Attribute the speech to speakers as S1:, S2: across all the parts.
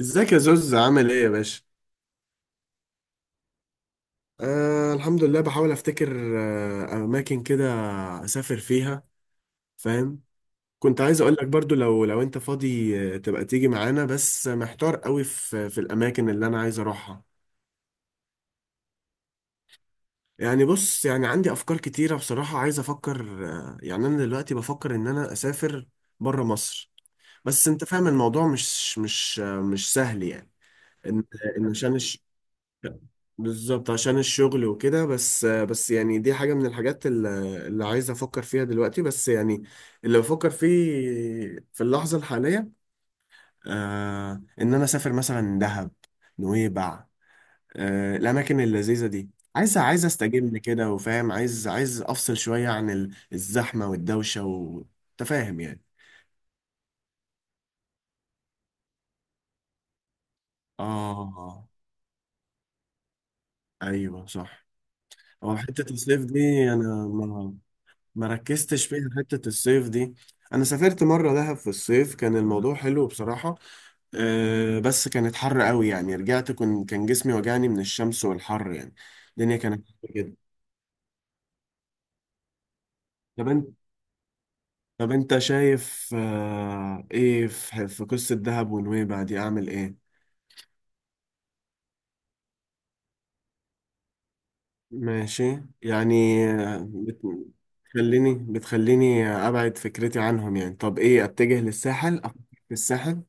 S1: ازيك يا زوز؟ عامل ايه يا باشا؟ الحمد لله. بحاول افتكر اماكن كده اسافر فيها، فاهم. كنت عايز اقول لك برضو، لو انت فاضي تبقى تيجي معانا، بس محتار قوي في الاماكن اللي انا عايز اروحها. يعني بص، يعني عندي افكار كتيرة بصراحة، عايز افكر يعني. انا دلوقتي بفكر ان انا اسافر بره مصر، بس انت فاهم الموضوع مش سهل يعني. ان إن عشان، بالظبط عشان الشغل وكده. بس يعني، دي حاجة من الحاجات اللي عايز أفكر فيها دلوقتي. بس يعني اللي بفكر فيه في اللحظة الحالية آه إن أنا أسافر مثلا دهب، نويبع، الأماكن اللذيذة دي. عايز أستجم كده، وفاهم، عايز أفصل شوية عن الزحمة والدوشة وتفاهم يعني. آه، أيوه صح. هو حتة الصيف دي أنا ما ركزتش فيها، حتة الصيف دي. انا سافرت مرة دهب في الصيف، كان الموضوع حلو بصراحة. أه، بس كانت حر قوي يعني، رجعت كان جسمي وجعني من الشمس والحر يعني. الدنيا كانت حر جدا. طب انت طب انت شايف ايه في قصة دهب ونويبع دي؟ اعمل ايه؟ ماشي يعني. بتخليني ابعد فكرتي عنهم يعني. طب ايه، اتجه للساحل؟ افكر في الساحل؟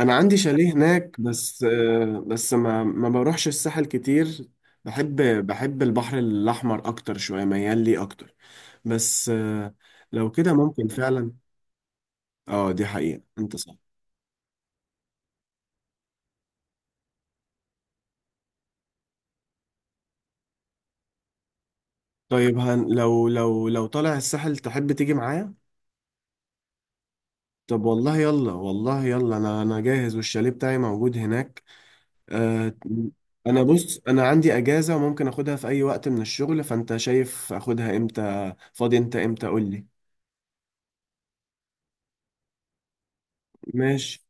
S1: انا عندي شاليه هناك، بس بس ما بروحش الساحل كتير. بحب البحر الاحمر اكتر شويه، ميال لي اكتر. بس لو كده ممكن فعلا. اه، دي حقيقه، انت صح. طيب لو طالع الساحل، تحب تيجي معايا؟ طب والله يلا، والله يلا. انا جاهز، والشاليه بتاعي موجود هناك. آه، انا بص، انا عندي اجازه وممكن اخدها في اي وقت من الشغل. فانت شايف اخدها امتى؟ فاضي انت امتى؟ قول لي. ماشي.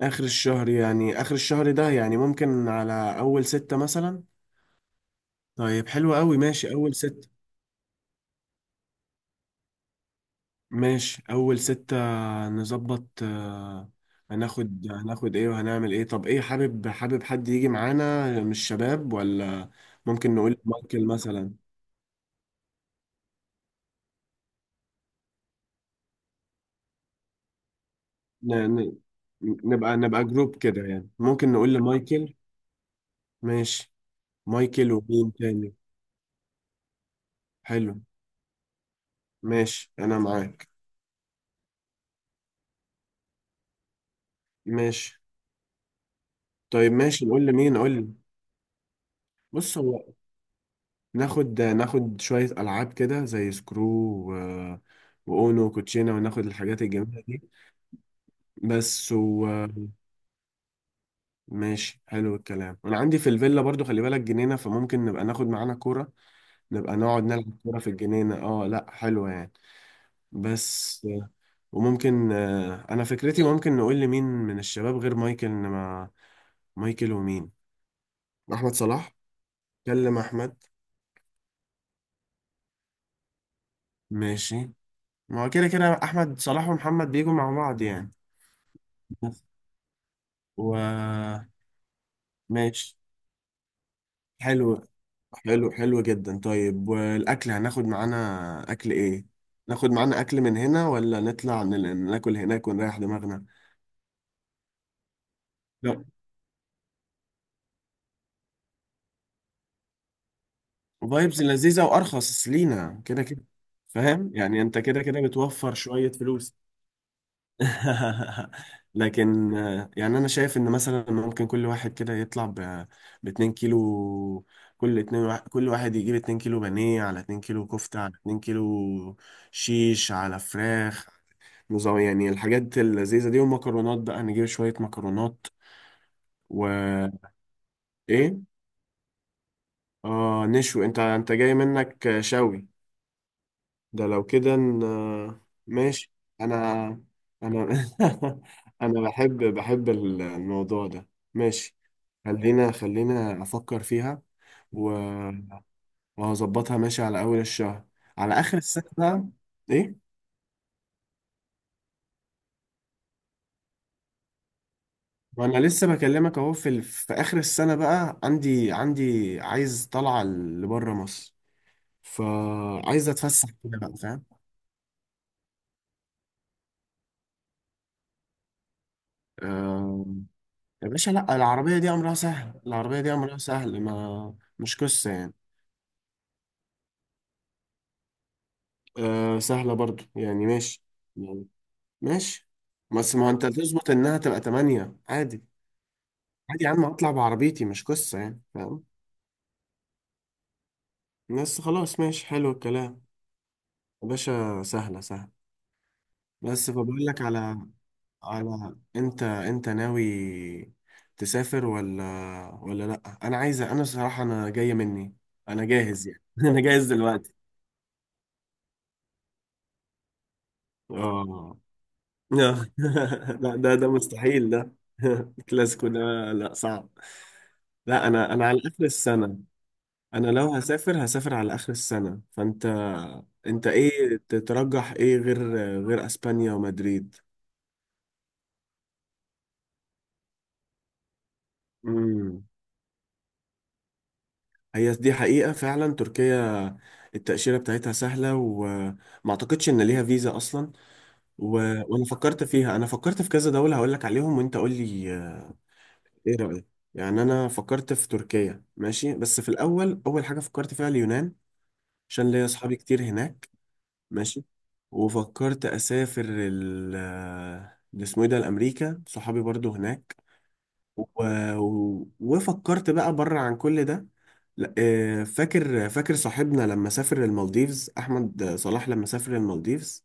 S1: آخر الشهر، يعني آخر الشهر ده؟ يعني ممكن على أول ستة مثلا. طيب حلو قوي، ماشي أول ستة ماشي أول ستة نظبط. آه، هناخد إيه وهنعمل إيه؟ طب إيه، حابب حد يجي معانا من الشباب ولا؟ ممكن نقول مايكل مثلا. ن- ن- نبقى جروب كده يعني، ممكن نقول لمايكل. ماشي. مايكل ومين تاني؟ حلو. ماشي أنا معاك. ماشي. طيب ماشي، نقول لمين؟ قول لي. بص هو، ناخد شوية ألعاب كده زي سكرو، و... وأونو وكوتشينة، وناخد الحاجات الجميلة دي. بس. وماشي. حلو الكلام. وأنا عندي في الفيلا برضو، خلي بالك جنينة، فممكن نبقى ناخد معانا كورة، نبقى نقعد نلعب كورة في الجنينة. اه لأ، حلوة يعني. بس. وممكن أنا فكرتي ممكن نقول لمين من الشباب غير مايكل. إن ما مايكل ومين؟ أحمد صلاح. كلم أحمد. ماشي. ما هو كده كده أحمد صلاح ومحمد بيجوا مع بعض يعني. و. ماشي. حلو حلو حلو جدا. طيب والاكل، هناخد معانا اكل ايه؟ ناخد معانا اكل من هنا، ولا نطلع ناكل هناك ونريح دماغنا؟ لا، فايبز لذيذة، وارخص لينا كده كده. فاهم يعني، انت كده كده بتوفر شوية فلوس. لكن يعني انا شايف ان مثلا ممكن كل واحد كده يطلع ب 2 كيلو. كل اتنين، كل واحد يجيب 2 كيلو بانيه، على 2 كيلو كفتة، على 2 كيلو شيش، على فراخ. نظام يعني، الحاجات اللذيذة دي. ومكرونات بقى، نجيب شوية مكرونات. و. ايه، اه نشوي. انت جاي منك شوي. ده لو كده ماشي. انا. انا. انا بحب الموضوع ده. ماشي. خلينا افكر فيها. و- وهظبطها، ماشي على اول الشهر. على اخر السنة بقى. ايه، وانا لسه بكلمك اهو، في اخر السنة بقى عندي عايز طلعة لبره مصر. فعايز اتفسح كده بقى، فاهم. آه، يا باشا لا، العربية دي امرها سهل. العربية دي امرها سهل، ما مش قصة يعني. آه، سهلة برضو يعني، ماشي. يعني ماشي، بس ما انت تظبط انها تبقى تمانية عادي. عادي يا عم، اطلع بعربيتي مش قصة يعني، فاهم. بس خلاص، ماشي، حلو الكلام. يا باشا، سهلة سهلة. بس فبقول لك على، انت ناوي تسافر ولا لا، انا عايزه، انا صراحه انا جايه مني، انا جاهز يعني. انا جاهز دلوقتي. اه. لا لا، ده مستحيل ده. الكلاسيكو ده لا، صعب. لا، انا على اخر السنه. انا لو هسافر على اخر السنه. فانت، انت ايه تترجح؟ ايه غير اسبانيا ومدريد؟ امم هي دي حقيقة فعلا، تركيا. التأشيرة بتاعتها سهلة، وما اعتقدش ان ليها فيزا اصلا. و... وانا فكرت فيها. انا فكرت في كذا دولة، هقول لك عليهم وانت قول لي ايه رأيك. يعني انا فكرت في تركيا، ماشي، بس في الاول، اول حاجة فكرت فيها اليونان، عشان ليا اصحابي كتير هناك. ماشي. وفكرت اسافر ال آه، ده اسمه ايه ده، الامريكا، صحابي برضو هناك. و... وفكرت بقى بره عن كل ده. لا، فاكر صاحبنا لما سافر المالديفز، احمد صلاح لما سافر المالديفز.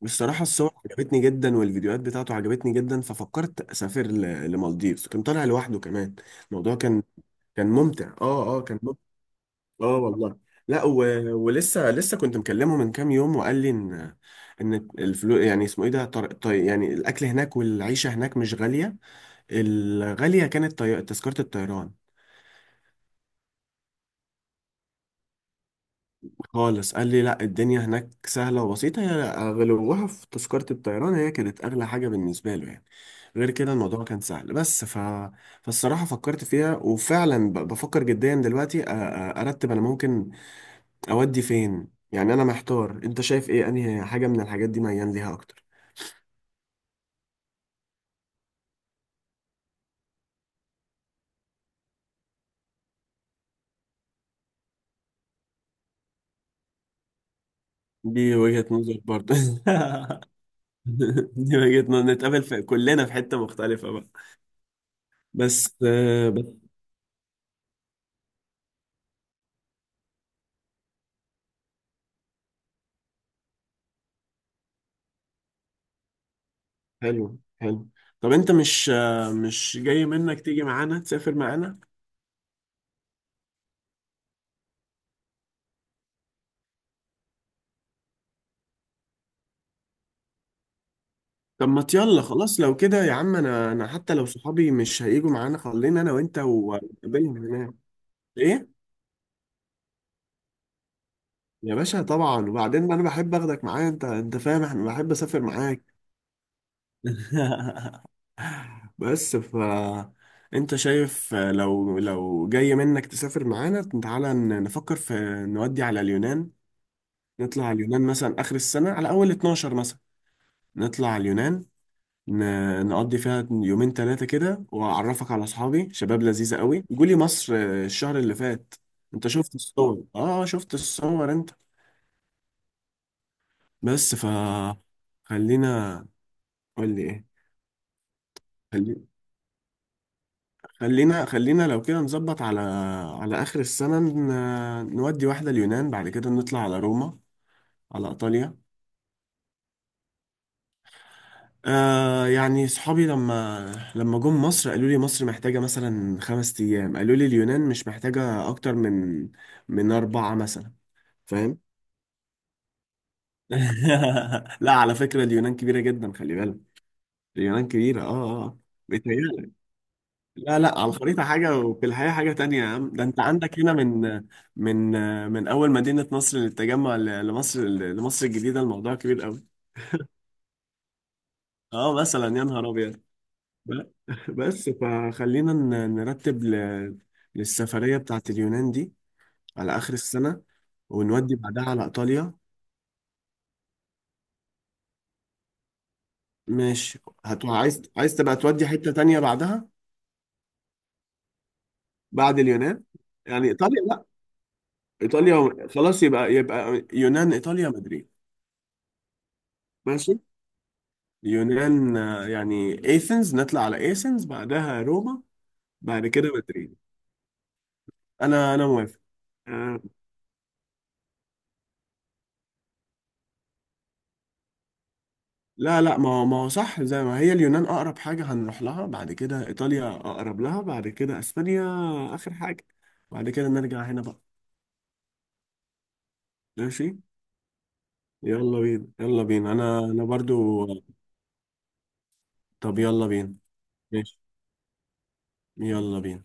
S1: والصراحه الصور عجبتني جدا، والفيديوهات بتاعته عجبتني جدا. ففكرت اسافر لمالديفز، كان طالع لوحده كمان. الموضوع كان ممتع. اه اه، كان ممتع. اه والله. لا. ولسه، لسه كنت مكلمه من كام يوم، وقال لي ان الفلوس يعني، اسمه ايه ده، يعني الاكل هناك والعيشه هناك مش غاليه. الغالية كانت تذكرة الطيران. خالص، قال لي لا، الدنيا هناك سهلة وبسيطة، هي غلوها في تذكرة الطيران، هي كانت أغلى حاجة بالنسبة له يعني. غير كده الموضوع كان سهل. بس فالصراحة فكرت فيها، وفعلا بفكر جديا دلوقتي أرتب أنا ممكن أودي فين يعني. أنا محتار، أنت شايف إيه؟ أنهي حاجة من الحاجات دي ميال ليها أكتر؟ دي وجهة نظر برضه. دي وجهة نظر، نتقابل في كلنا في حتة مختلفة بقى. بس. حلو حلو. طب انت مش جاي منك تيجي معانا، تسافر معانا؟ طب ما يلا خلاص، لو كده يا عم، انا حتى لو صحابي مش هيجوا معانا، خلينا انا وانت، ونقابلهم هناك. ايه يا باشا، طبعا. وبعدين انا بحب اخدك معايا انت فاهم احنا، بحب اسافر معاك. بس ف انت شايف، لو جاي منك تسافر معانا، تعالى نفكر في، نودي على اليونان. نطلع على اليونان مثلا اخر السنة، على اول 12 مثلا. نطلع على اليونان، نقضي فيها يومين 3 كده، وأعرفك على أصحابي، شباب لذيذة قوي، جولي مصر الشهر اللي فات. أنت شفت الصور؟ شفت الصور أنت. بس ف خلينا. قول لي إيه؟ خلي... خلينا لو كده نظبط على، آخر السنة نودي واحدة اليونان، بعد كده نطلع على روما، على إيطاليا. يعني صحابي لما جم مصر قالوا لي مصر محتاجة مثلا 5 أيام، قالوا لي اليونان مش محتاجة أكتر من 4 مثلا. فاهم. لا على فكرة، اليونان كبيرة جدا، خلي بالك. اليونان كبيرة، اه اه. بيتهيألك. لا لا، على الخريطة حاجة وفي الحقيقة حاجة تانية يا عم. ده انت عندك هنا من، من من أول مدينة مصر للتجمع، لمصر الجديدة، الموضوع كبير قوي. اه، مثلا يا نهار أبيض. ب- بس فخلينا نرتب للسفرية بتاعت اليونان دي، على آخر السنة، ونودي بعدها على إيطاليا. ماشي. هتو عايز تبقى تودي حتة تانية بعدها؟ بعد اليونان يعني ايطاليا؟ لا، ايطاليا خلاص، يبقى يونان، ايطاليا، مدريد. ماشي. يونان يعني ايثنز، نطلع على ايثنز، بعدها روما، بعد كده مدريد. انا موافق. آه، لا لا، ما هو، ما هو صح، زي ما هي اليونان اقرب حاجه هنروح لها، بعد كده ايطاليا اقرب لها، بعد كده اسبانيا اخر حاجه، بعد كده نرجع هنا بقى. ماشي يلا بينا، يلا بينا. انا برضو. طب يلا بينا. ماشي. يلا بينا.